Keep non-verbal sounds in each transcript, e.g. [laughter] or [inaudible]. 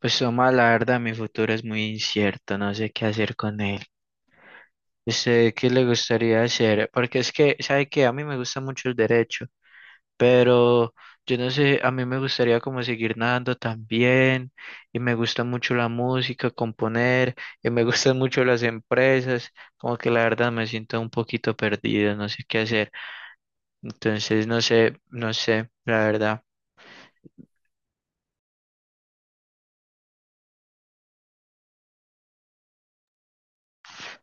Pues toma, la verdad, mi futuro es muy incierto, no sé qué hacer con él. ¿Usted qué le gustaría hacer? Porque es que, ¿sabe qué? A mí me gusta mucho el derecho, pero yo no sé, a mí me gustaría como seguir nadando también, y me gusta mucho la música, componer, y me [laughs] gustan mucho las empresas, como que la verdad me siento un poquito perdido, no sé qué hacer. Entonces, no sé, la verdad.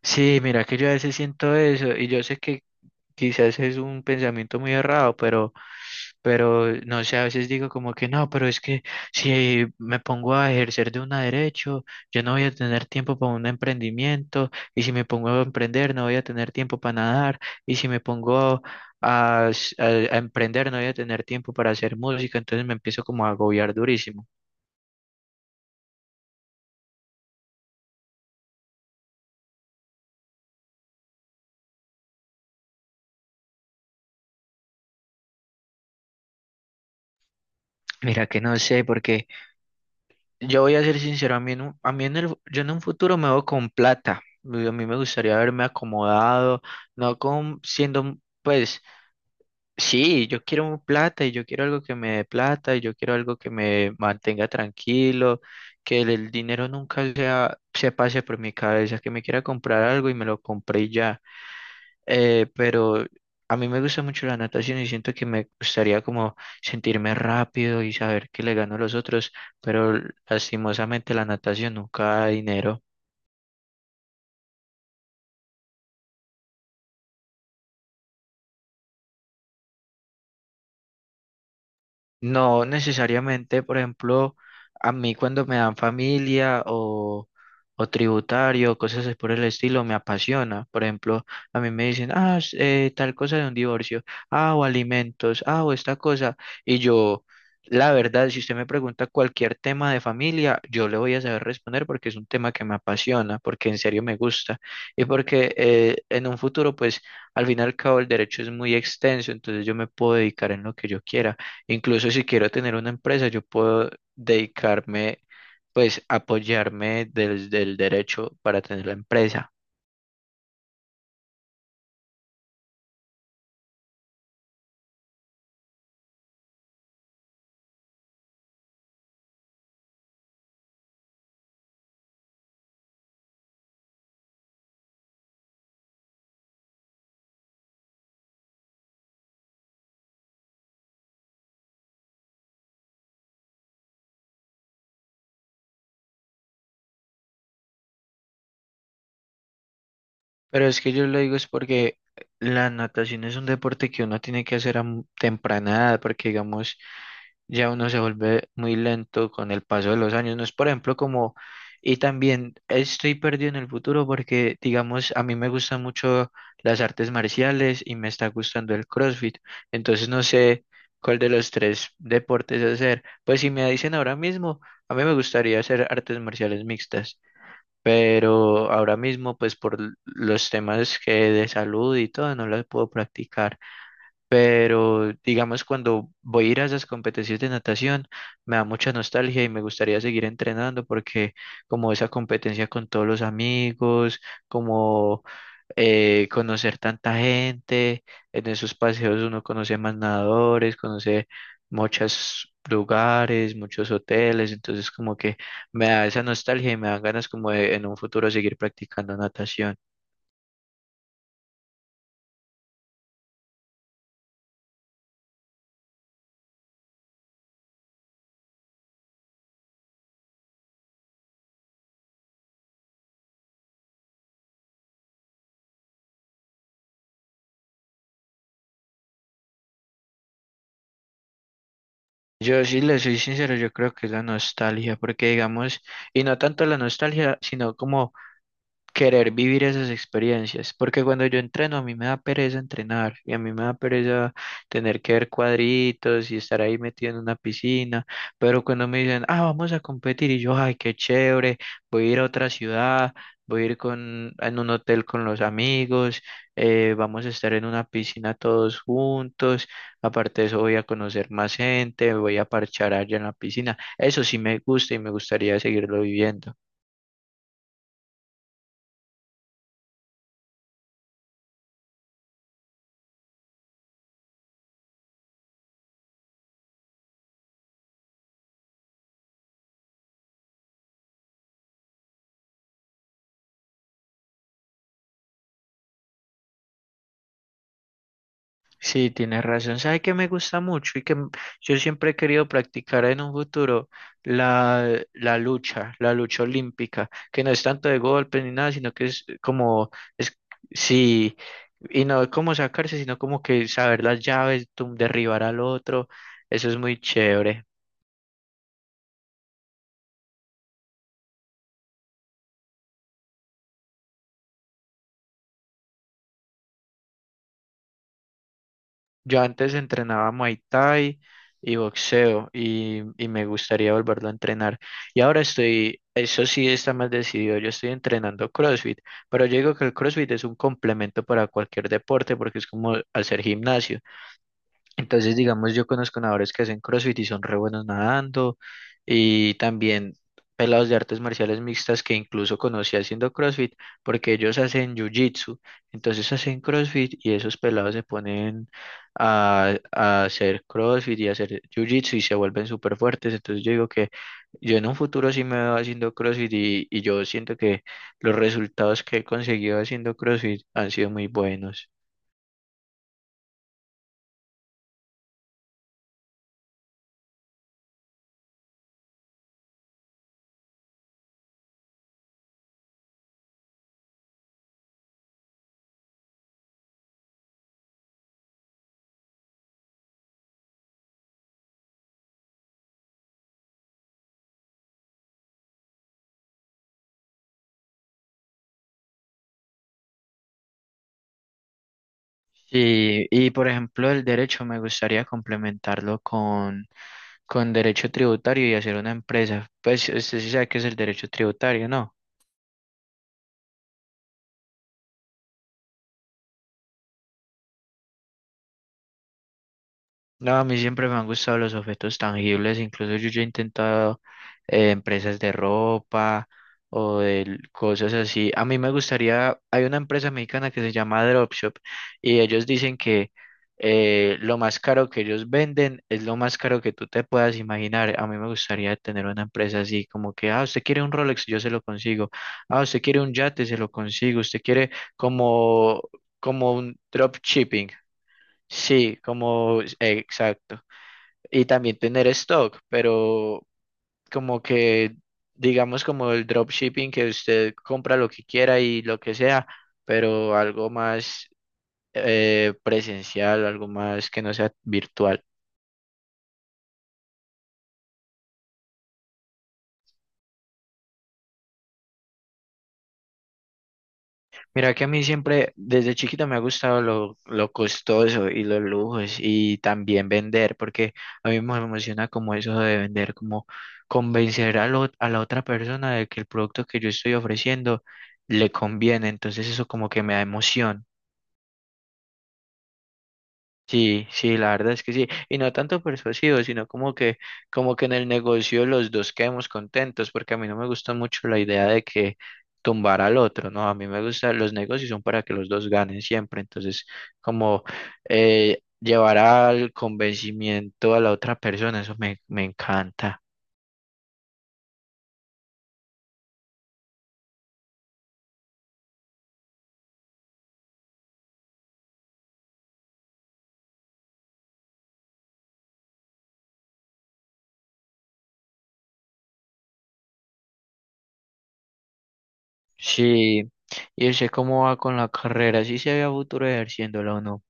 Sí, mira que yo a veces siento eso y yo sé que quizás es un pensamiento muy errado, pero no sé, a veces digo como que no, pero es que si me pongo a ejercer de una derecho, yo no voy a tener tiempo para un emprendimiento y si me pongo a emprender no voy a tener tiempo para nadar y si me pongo a, s- a- a emprender no voy a tener tiempo para hacer música, entonces me empiezo como a agobiar durísimo. Mira que no sé porque yo voy a ser sincero, a mí en el, yo en un futuro me veo con plata. Y a mí me gustaría haberme acomodado, no con siendo, pues, sí, yo quiero plata y yo quiero algo que me dé plata y yo quiero algo que me mantenga tranquilo, que el dinero nunca sea, se pase por mi cabeza, que me quiera comprar algo y me lo compré y ya pero a mí me gusta mucho la natación y siento que me gustaría como sentirme rápido y saber que le gano a los otros, pero lastimosamente la natación nunca da dinero. No necesariamente, por ejemplo, a mí cuando me dan familia o tributario, cosas así por el estilo, me apasiona. Por ejemplo, a mí me dicen, ah, tal cosa de un divorcio, ah, o alimentos, ah, o esta cosa. Y yo, la verdad, si usted me pregunta cualquier tema de familia, yo le voy a saber responder porque es un tema que me apasiona, porque en serio me gusta y porque en un futuro, pues, al fin y al cabo, el derecho es muy extenso, entonces yo me puedo dedicar en lo que yo quiera. Incluso si quiero tener una empresa, yo puedo dedicarme, pues apoyarme desde el derecho para tener la empresa. Pero es que yo lo digo es porque la natación es un deporte que uno tiene que hacer a temprana edad, porque digamos, ya uno se vuelve muy lento con el paso de los años. No es, por ejemplo, como, y también estoy perdido en el futuro porque, digamos, a mí me gustan mucho las artes marciales y me está gustando el CrossFit. Entonces no sé cuál de los tres deportes hacer. Pues si me dicen ahora mismo, a mí me gustaría hacer artes marciales mixtas. Pero ahora mismo, pues por los temas que de salud y todo, no las puedo practicar. Pero digamos, cuando voy a ir a esas competencias de natación, me da mucha nostalgia y me gustaría seguir entrenando porque como esa competencia con todos los amigos, como conocer tanta gente, en esos paseos uno conoce más nadadores, conoce muchos lugares, muchos hoteles, entonces como que me da esa nostalgia y me dan ganas como de en un futuro seguir practicando natación. Yo sí le soy sincero, yo creo que es la nostalgia, porque digamos, y no tanto la nostalgia, sino como querer vivir esas experiencias, porque cuando yo entreno a mí me da pereza entrenar y a mí me da pereza tener que ver cuadritos y estar ahí metido en una piscina, pero cuando me dicen, ah, vamos a competir y yo, ay, qué chévere, voy a ir a otra ciudad, voy a ir con, en un hotel con los amigos, vamos a estar en una piscina todos juntos, aparte de eso voy a conocer más gente, voy a parchar allá en la piscina, eso sí me gusta y me gustaría seguirlo viviendo. Sí, tienes razón. ¿Sabes qué me gusta mucho y que yo siempre he querido practicar en un futuro? La lucha, la lucha olímpica, que no es tanto de golpes ni nada, sino que es como, es, sí, y no es como sacarse, sino como que saber las llaves, derribar al otro. Eso es muy chévere. Yo antes entrenaba Muay Thai y boxeo y me gustaría volverlo a entrenar. Y ahora estoy, eso sí está más decidido, yo estoy entrenando CrossFit, pero yo digo que el CrossFit es un complemento para cualquier deporte porque es como hacer gimnasio. Entonces, digamos, yo conozco nadadores que hacen CrossFit y son re buenos nadando, y también pelados de artes marciales mixtas que incluso conocí haciendo CrossFit, porque ellos hacen Jiu-Jitsu, entonces hacen CrossFit y esos pelados se ponen a hacer CrossFit y a hacer Jiu-Jitsu y se vuelven súper fuertes. Entonces, yo digo que yo en un futuro sí me veo haciendo CrossFit y yo siento que los resultados que he conseguido haciendo CrossFit han sido muy buenos. Sí, y por ejemplo, el derecho me gustaría complementarlo con derecho tributario y hacer una empresa. Pues usted sí sabe qué es el derecho tributario, ¿no? No, a mí siempre me han gustado los objetos tangibles, incluso yo ya he intentado empresas de ropa o de cosas así. A mí me gustaría, hay una empresa mexicana que se llama Dropshop y ellos dicen que lo más caro que ellos venden es lo más caro que tú te puedas imaginar. A mí me gustaría tener una empresa así, como que, ah, usted quiere un Rolex, yo se lo consigo. Ah, usted quiere un yate, se lo consigo. Usted quiere como, como un dropshipping. Sí, como, exacto y también tener stock, pero como que digamos como el dropshipping que usted compra lo que quiera y lo que sea, pero algo más presencial, algo más que no sea virtual. Mira que a mí siempre, desde chiquito me ha gustado lo costoso y los lujos y también vender, porque a mí me emociona como eso de vender, como convencer a, a la otra persona de que el producto que yo estoy ofreciendo le conviene, entonces eso como que me da emoción. Sí, sí, la verdad es que sí, y no tanto persuasivo, sino como que en el negocio los dos quedemos contentos, porque a mí no me gusta mucho la idea de que tumbar al otro, ¿no? A mí me gusta, los negocios son para que los dos ganen siempre, entonces como llevar al convencimiento a la otra persona, eso me, me encanta. Sí, y sé cómo va con la carrera, si se había futuro ejerciéndola o no.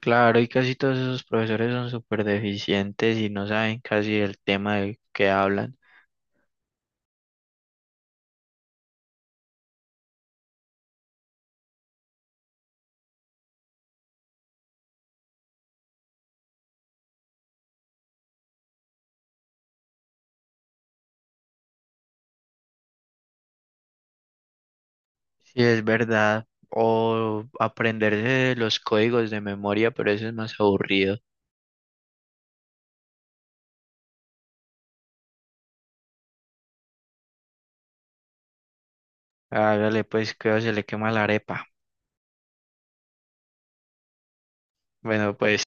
Claro, y casi todos esos profesores son súper deficientes y no saben casi el tema del que hablan. Sí es verdad, o aprenderse los códigos de memoria, pero eso es más aburrido. Hágale pues que se le quema la arepa. Bueno, pues.